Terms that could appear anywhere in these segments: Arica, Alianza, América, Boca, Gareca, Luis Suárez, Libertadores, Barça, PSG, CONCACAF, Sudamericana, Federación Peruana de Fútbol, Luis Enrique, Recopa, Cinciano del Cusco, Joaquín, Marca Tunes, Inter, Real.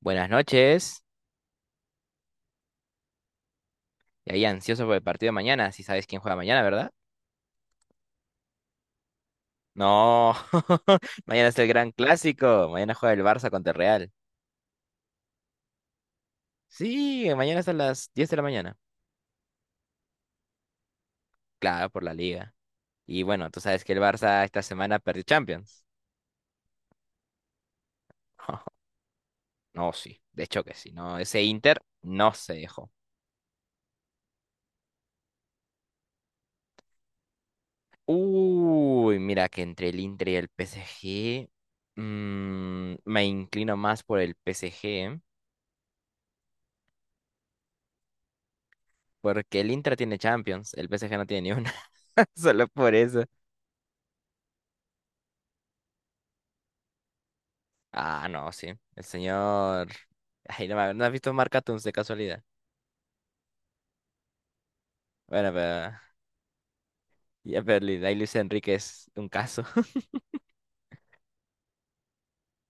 Buenas noches. Y ahí ansioso por el partido de mañana. Si sabes quién juega mañana, ¿verdad? No. Mañana es el gran clásico. Mañana juega el Barça contra el Real. Sí, mañana es a las 10 de la mañana. Claro, por la liga. Y bueno, tú sabes que el Barça esta semana perdió Champions. No, sí. De hecho que sí. No, ese Inter no se dejó. Uy, mira que entre el Inter y el PSG, me inclino más por el PSG. Porque el Inter tiene Champions, el PSG no tiene ni una. Solo por eso. Ah, no, sí. El señor. Ay, no, ¿no has visto Marca Tunes de casualidad? Bueno, pero. Ya, pero ahí Luis Enrique es un caso.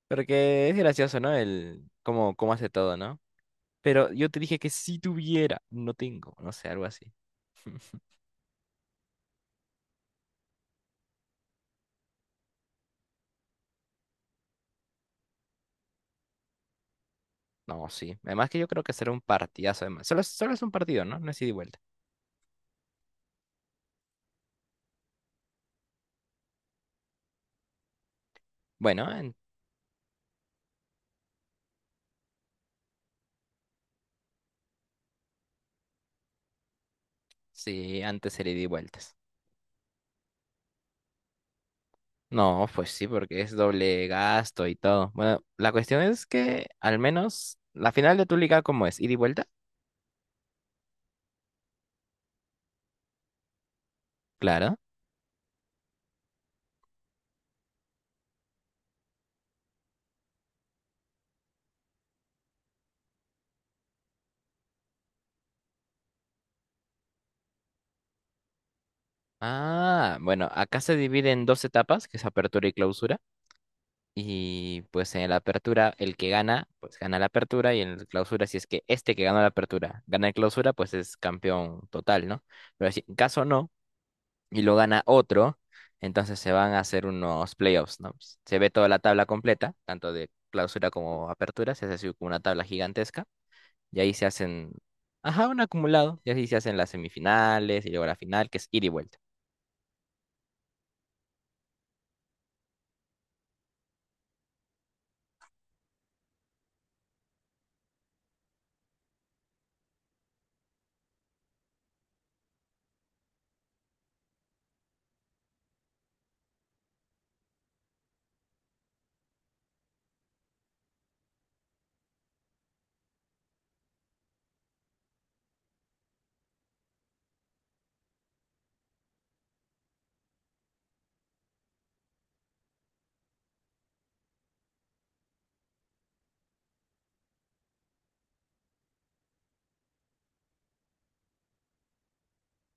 Porque es gracioso, ¿no? El cómo hace todo, ¿no? Pero yo te dije que si tuviera, no tengo, no sé, algo así. No, sí. Además que yo creo que será un partidazo, además. Solo es un partido, ¿no? No es ida y vuelta. Bueno, en- sí, antes era ida y vuelta. No, pues sí, porque es doble gasto y todo. Bueno, la cuestión es que al menos la final de tu liga, ¿cómo es? ¿Ida y vuelta? Claro. Ah, bueno, acá se divide en dos etapas, que es apertura y clausura. Y pues en la apertura, el que gana, pues gana la apertura. Y en la clausura, si es que este que ganó la apertura gana la clausura, pues es campeón total, ¿no? Pero si en caso no, y lo gana otro, entonces se van a hacer unos playoffs, ¿no? Se ve toda la tabla completa, tanto de clausura como apertura, se hace así como una tabla gigantesca, y ahí se hacen, ajá, un acumulado, y así se hacen las semifinales y luego la final, que es ida y vuelta.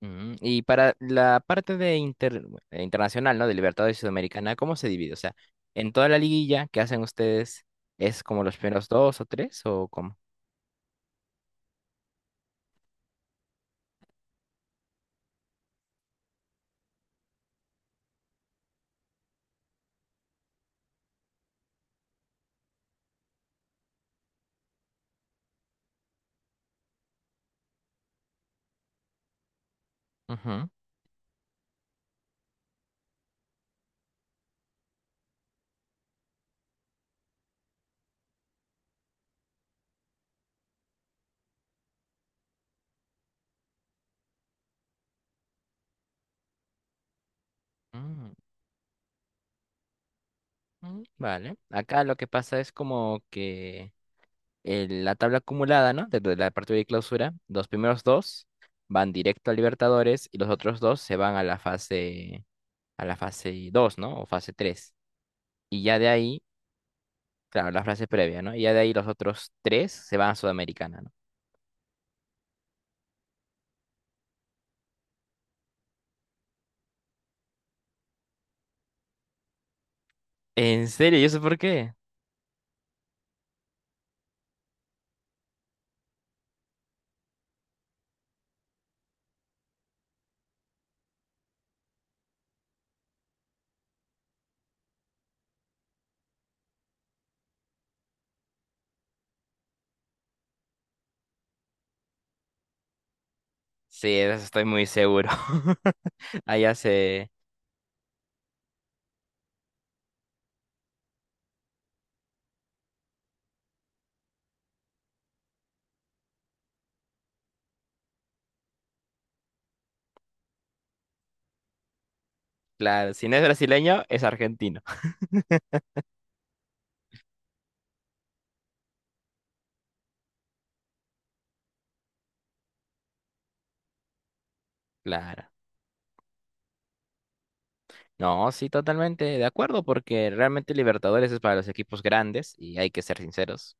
Ujú. Y para la parte de internacional, ¿no? De Libertadores y Sudamericana, ¿cómo se divide? O sea, en toda la liguilla que hacen ustedes, ¿es como los primeros dos o tres o cómo? Ujú. mm, Vale. Acá lo que pasa es como que la tabla acumulada, ¿no? Desde la partida de clausura, los primeros dos van directo a Libertadores y los otros dos se van a la fase 2, ¿no? O fase tres. Y ya de ahí, claro, la frase previa, ¿no? Y ya de ahí los otros tres se van a Sudamericana, ¿no? ¿En serio? ¿Y eso por qué? Sí, de eso estoy muy seguro. Allá se... Claro, si no es brasileño, es argentino. Claro. No, sí, totalmente de acuerdo, porque realmente Libertadores es para los equipos grandes y hay que ser sinceros.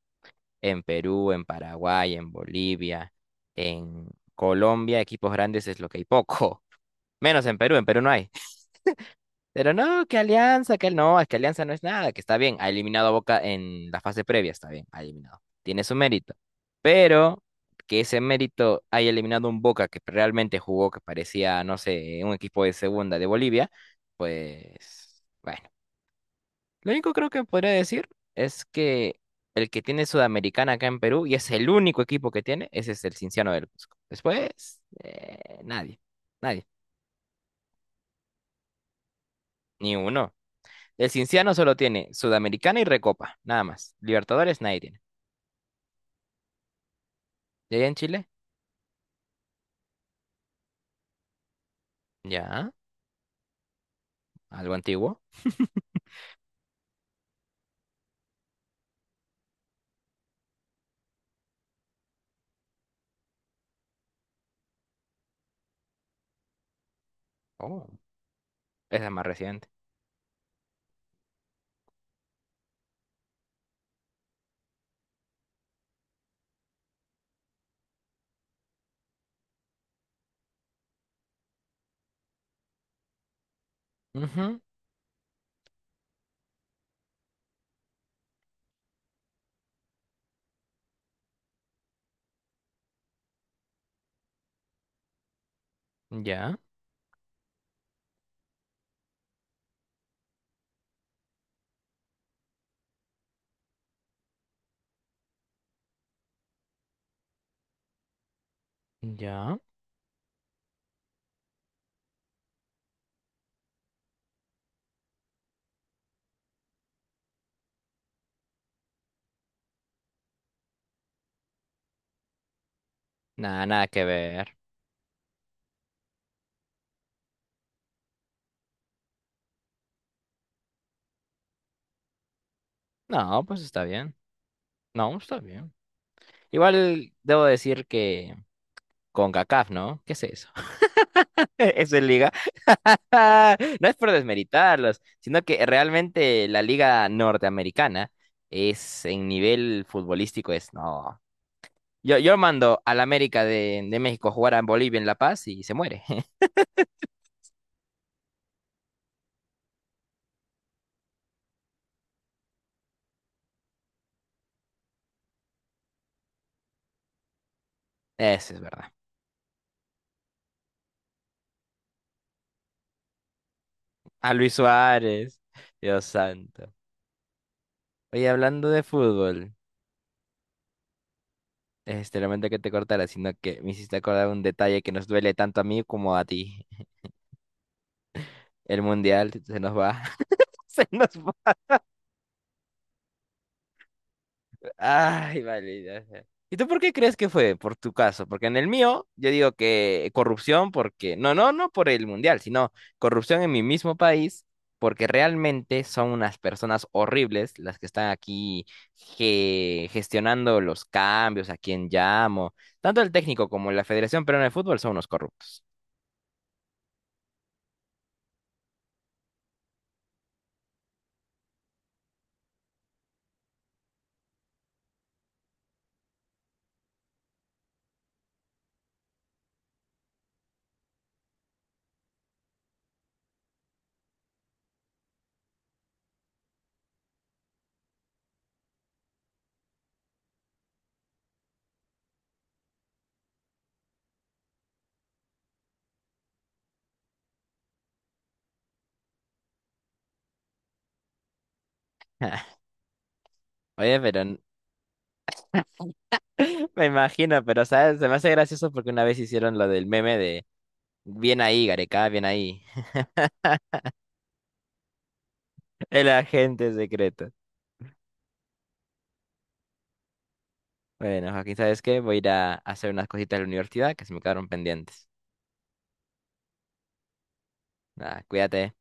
En Perú, en Paraguay, en Bolivia, en Colombia, equipos grandes es lo que hay poco. Menos en Perú no hay. Pero no, que Alianza, que no, es que Alianza no es nada, que está bien, ha eliminado a Boca en la fase previa, está bien, ha eliminado. Tiene su mérito. Pero que ese mérito haya eliminado un Boca que realmente jugó, que parecía, no sé, un equipo de segunda de Bolivia, pues bueno, lo único creo que podría decir es que el que tiene Sudamericana acá en Perú, y es el único equipo que tiene, ese es el Cinciano del Cusco. Después, nadie, nadie, ni uno. El Cinciano solo tiene Sudamericana y Recopa, nada más. Libertadores nadie tiene. ¿Y allá en Chile? Ya, algo antiguo. Oh, esa es más reciente. Ujú. Ya, ya. Nada, nada que ver. No, pues está bien. No, está bien. Igual debo decir que con CONCACAF, ¿no? ¿Qué es eso? Eso es liga. No es por desmeritarlos, sino que realmente la liga norteamericana es en nivel futbolístico es no. Yo mando al América de México a jugar a Bolivia en La Paz y se muere. Eso es verdad. A Luis Suárez, Dios santo. Oye, hablando de fútbol, este, lamento que te cortara, sino que me hiciste acordar un detalle que nos duele tanto a mí como a ti. El mundial se nos va. Se nos va. Ay, maldita sea. ¿Y tú por qué crees que fue? Por tu caso. Porque en el mío, yo digo que corrupción porque, no, no, no por el mundial, sino corrupción en mi mismo país, porque realmente son unas personas horribles las que están aquí gestionando los cambios, a quién llamo. Tanto el técnico como la Federación Peruana de Fútbol son unos corruptos. Oye, pero n- me imagino, pero sabes, se me hace gracioso porque una vez hicieron lo del meme de bien ahí, Gareca, bien ahí. El agente secreto. Bueno, Joaquín, ¿sabes qué? Voy a ir a hacer unas cositas de la universidad que se me quedaron pendientes. Nada, cuídate.